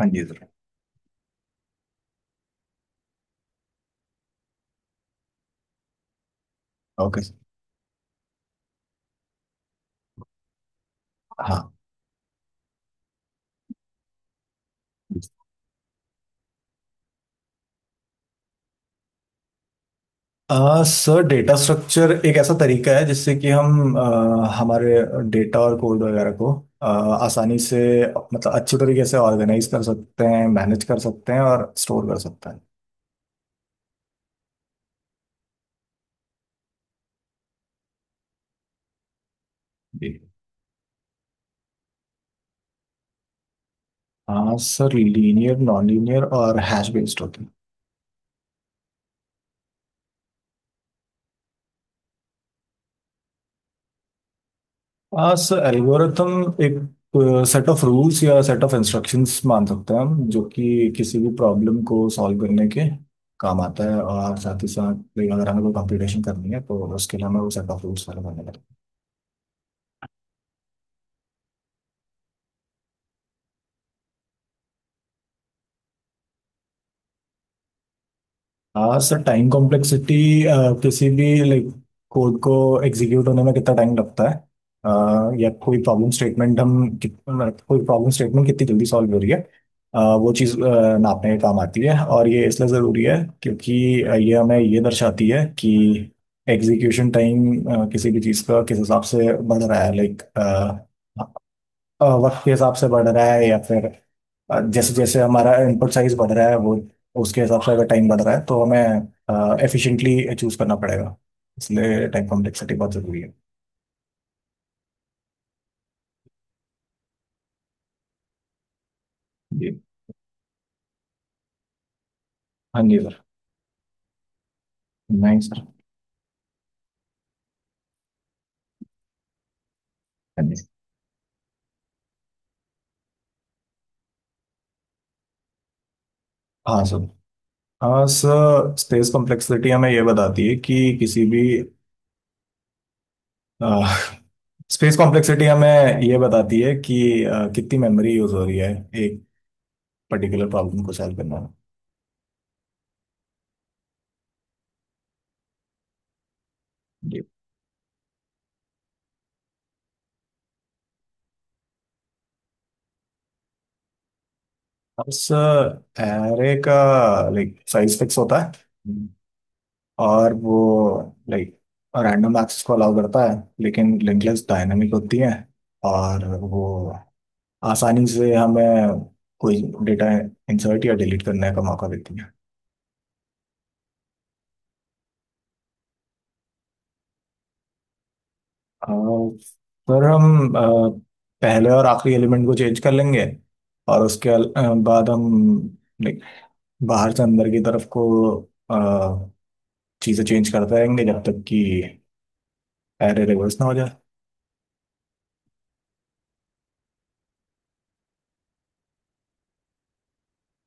हाँ जी sir. Okay sir. हाँ। सर डेटा स्ट्रक्चर एक ऐसा तरीका है जिससे कि हम हमारे डेटा और कोड वगैरह को अ, आसानी से मतलब अच्छे तरीके से ऑर्गेनाइज कर सकते हैं, मैनेज कर सकते हैं और स्टोर कर सकते हैं। जी। हाँ सर, लीनियर, नॉन लीनियर और हैश बेस्ड होते हैं। हाँ सर, एल्गोरिथम एक सेट ऑफ रूल्स या सेट ऑफ इंस्ट्रक्शंस मान सकते हैं हम, जो कि किसी भी प्रॉब्लम को सॉल्व करने के काम आता है, और साथ ही साथ अगर हमें कोई कंप्यूटेशन करनी है तो उसके लिए हमें वो सेट ऑफ रूल्स फॉलो करने पड़ते हैं। हाँ सर, टाइम कॉम्प्लेक्सिटी किसी भी लाइक कोड को एग्जीक्यूट होने में कितना टाइम लगता है, अ, या कोई प्रॉब्लम स्टेटमेंट हम मतलब कोई प्रॉब्लम स्टेटमेंट कितनी जल्दी सॉल्व हो रही है, वो चीज़ नापने का काम आती है। और ये इसलिए ज़रूरी है क्योंकि ये हमें ये दर्शाती है कि एग्जीक्यूशन टाइम किसी भी चीज़ का किस हिसाब से बढ़ रहा है, लाइक वक्त के हिसाब से बढ़ रहा है, या फिर जैसे जैसे हमारा इनपुट साइज बढ़ रहा है, वो उसके हिसाब से अगर टाइम बढ़ रहा है तो हमें एफिशिएंटली चूज करना पड़ेगा। इसलिए टाइम कॉम्प्लेक्सिटी बहुत जरूरी है। जी। हाँ जी सर। नहीं सर। हाँ जी। हाँ सर। हाँ सर स्पेस कॉम्प्लेक्सिटी हमें ये बताती है कि किसी भी स्पेस कॉम्प्लेक्सिटी हमें ये बताती है कि कितनी मेमोरी यूज हो रही है एक पर्टिकुलर प्रॉब्लम को सॉल्व करना में। बस एरे का लाइक साइज फिक्स होता है और वो लाइक रैंडम एक्सेस को अलाउ करता है, लेकिन लिंक लिस्ट डायनामिक होती है और वो आसानी से हमें कोई डेटा इंसर्ट या डिलीट करने का मौका देती है। और फिर हम पहले और आखिरी एलिमेंट को चेंज कर लेंगे, और उसके बाद हम लाइक बाहर से अंदर की तरफ को अ, चीजें चेंज करते रहेंगे जब तक कि अरे रे इसमें हो जाए।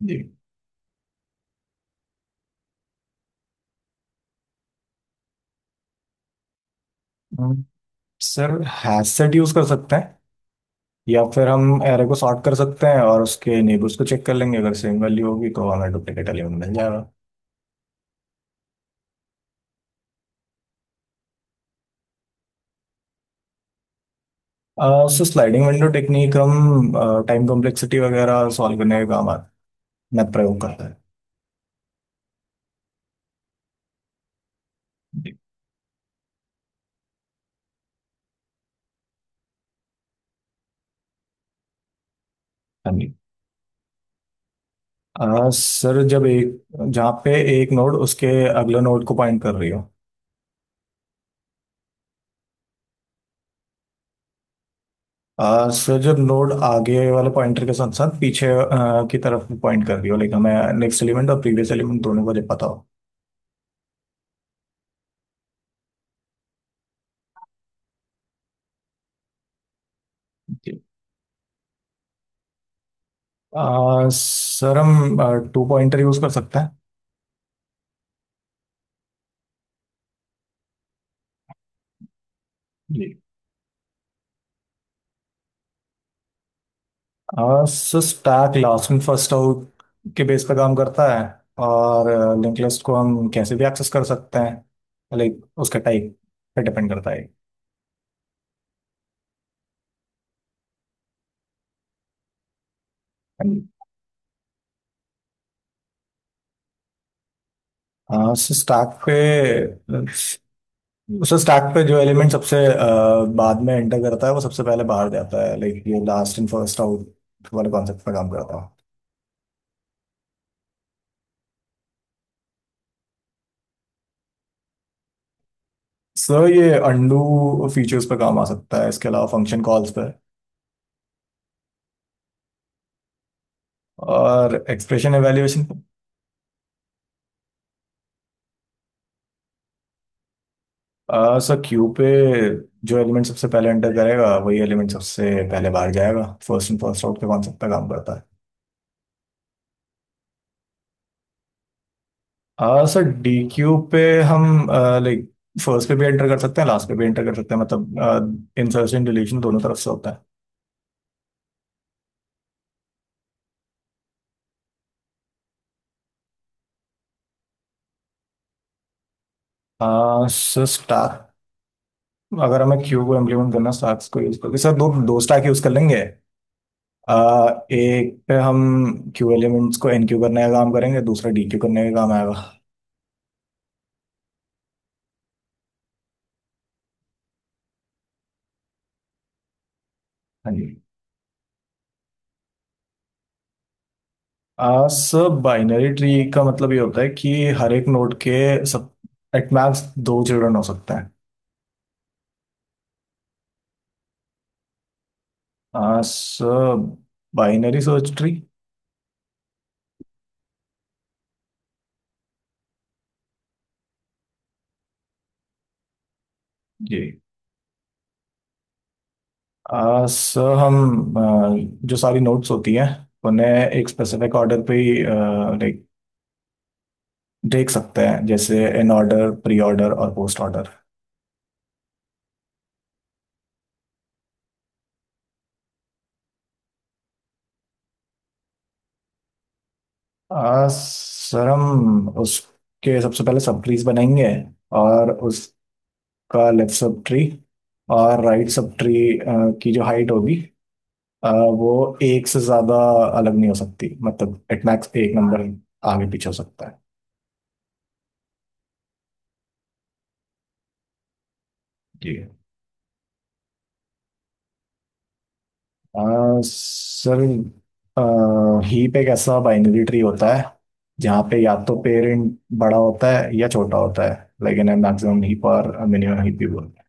जी। हम्म, सर हैशसेट यूज कर सकते हैं, या फिर हम एरे को सॉर्ट कर सकते हैं और उसके नेबर्स को चेक कर लेंगे, अगर सेम वैल्यू होगी तो हमें डुप्लीकेट एलिमेंट मिल जाएगा। सो स्लाइडिंग विंडो टेक्निक हम टाइम कॉम्प्लेक्सिटी वगैरह सॉल्व करने का काम आता में प्रयोग करता है। जी। हाँ जी। सर जब एक जहाँ पे एक नोड उसके अगले नोड को पॉइंट कर रही हो। सर जब नोड आगे वाले पॉइंटर के साथ साथ पीछे की तरफ पॉइंट कर रही हो, लाइक हमें नेक्स्ट एलिमेंट और प्रीवियस एलिमेंट दोनों को जब पता हो। जी। सर हम टू पॉइंटर यूज कर सकते हैं। जी। Sir stack last in first out के बेस पे काम करता है, और लिंक लिस्ट को हम कैसे भी एक्सेस कर सकते हैं, लाइक उसका टाइप पे डिपेंड करता है। हाँ सर स्टैक पे सो स्टैक पे जो एलिमेंट सबसे बाद में एंटर करता है वो सबसे पहले बाहर जाता है, लाइक ये लास्ट इन फर्स्ट आउट वाले कॉन्सेप्ट पर काम करता है। सो ये अंडू फीचर्स पर काम आ सकता है, इसके अलावा फंक्शन कॉल्स पे और एक्सप्रेशन एवेल्यूएशन। सो क्यू पे जो एलिमेंट सबसे पहले एंटर करेगा वही एलिमेंट सबसे पहले बाहर जाएगा, फर्स्ट इन फर्स्ट आउट के कॉन्सेप्ट पे काम करता है। सर डी क्यू पे हम लाइक फर्स्ट पे भी एंटर कर सकते हैं, लास्ट पे भी एंटर कर सकते हैं, मतलब इंसर्शन डिलीशन दोनों तरफ से होता है। हाँ सर स्टाक, अगर हमें क्यू को इम्प्लीमेंट करना स्टाक्स को यूज करके, सर दो दो स्टाक यूज कर लेंगे। आ, एक पे हम क्यू एलिमेंट्स को एनक्यू करने का काम करेंगे, दूसरा डीक्यू करने का काम आएगा। हाँ जी। सर बाइनरी ट्री का मतलब ये होता है कि हर एक नोड के सब एट मैक्स दो चिल्ड्रन हो सकते हैं। Sir binary search tree. जी। सर हम जो सारी नोट्स होती हैं उन्हें एक स्पेसिफिक ऑर्डर पे ही देख सकते हैं, जैसे इन ऑर्डर, प्री ऑर्डर और पोस्ट ऑर्डर। सर हम उसके सबसे पहले सब ट्रीज बनाएंगे, और उसका लेफ्ट सब ट्री और राइट सब ट्री की जो हाइट होगी, वो एक से ज्यादा अलग नहीं हो सकती, मतलब एट मैक्स एक नंबर आगे पीछे हो सकता है। जी। आ, सर हीप एक ऐसा बाइनरी ट्री होता है जहाँ पे या तो पेरेंट बड़ा होता है या छोटा होता है। लाइक इन मैक्सिमम हीप और मिनिमम हीप भी बोलते हैं,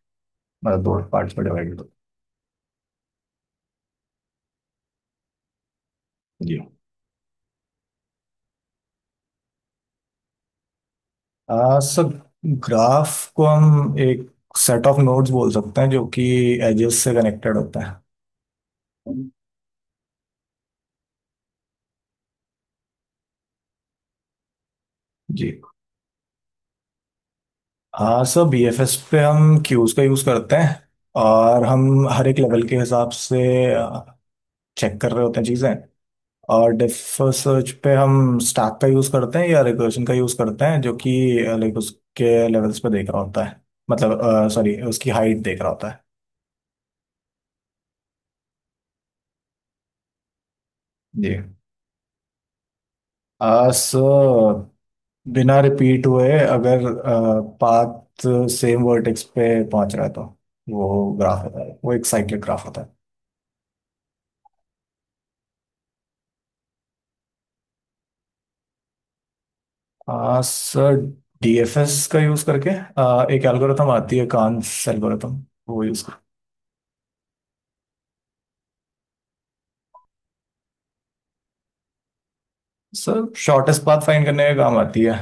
मतलब दो पार्ट्स में डिवाइडेड होता है। जी। सर ग्राफ को हम एक सेट ऑफ नोड्स बोल सकते हैं जो कि एजेस से कनेक्टेड होते हैं। जी। हाँ सर, बीएफएस पे हम क्यूज का यूज करते हैं और हम हर एक लेवल के हिसाब से चेक कर रहे होते हैं चीजें। और डेप्थ फर्स्ट सर्च पे हम स्टैक का यूज करते हैं या रिकर्शन का यूज करते हैं, जो कि लाइक उसके लेवल्स पे देख रहा होता है, मतलब सॉरी उसकी हाइट देख रहा होता है। जी। सो बिना रिपीट हुए अगर पाथ सेम वर्टेक्स पे पहुंच रहा है तो वो ग्राफ होता है, वो एक साइक्लिक ग्राफ होता है। सर डीएफएस का यूज करके एक एल्गोरिथम आती है कान्स एल्गोरिथम, वो यूज कर। सर शॉर्टेस्ट पाथ फाइंड करने का काम आती है,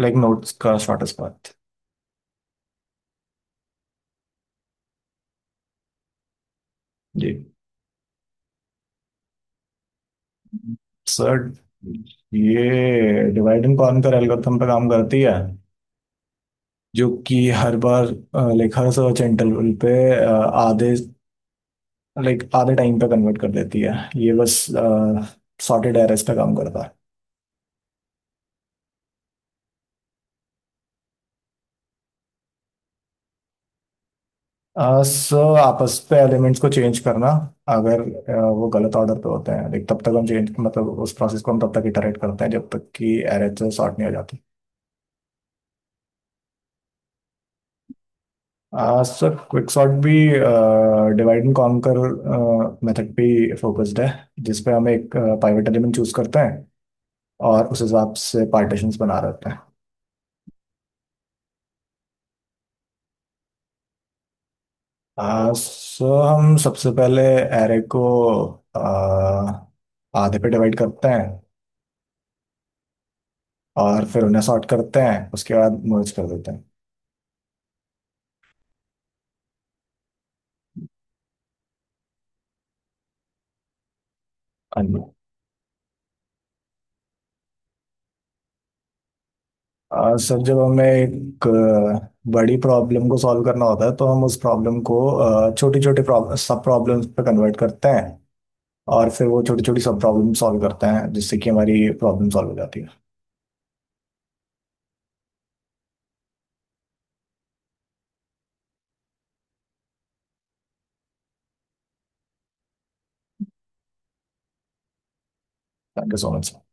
लाइक नोट्स का शॉर्टेस्ट पाथ। जी। सर ये डिवाइड एंड कॉन्कर एल्गोरिथम पे काम करती है, जो कि हर बार लाइक हर सर्च इंटरवल पे आधे, लाइक आधे टाइम पे कन्वर्ट कर देती है। ये बस सॉर्टेड एरेस पे काम करता है। सो आपस पे एलिमेंट्स को चेंज करना अगर वो गलत ऑर्डर पे होते हैं, लाइक तब तक हम चेंज मतलब उस प्रोसेस को हम तब तक इटरेट करते हैं जब तक कि एरे सॉर्ट नहीं हो जाता। सर क्विकसॉर्ट भी डिवाइड एंड कॉन्कर मेथड पे फोकस्ड है, जिसपे हम एक पाइवेट एलिमेंट चूज करते हैं और उस हिसाब से पार्टीशंस बना रहते हैं। सो हम सबसे पहले एरे को अ, आधे पे डिवाइड करते हैं, और फिर उन्हें सॉर्ट करते हैं, उसके बाद मर्ज कर देते हैं। हाँ जी। सर जब हमें एक बड़ी प्रॉब्लम को सॉल्व करना होता है तो हम उस प्रॉब्लम को छोटी छोटी सब प्रॉब्लम्स पे कन्वर्ट करते हैं, और फिर वो छोटी छोटी सब प्रॉब्लम सॉल्व करते हैं जिससे कि हमारी प्रॉब्लम सॉल्व हो जाती है। Thank you so much.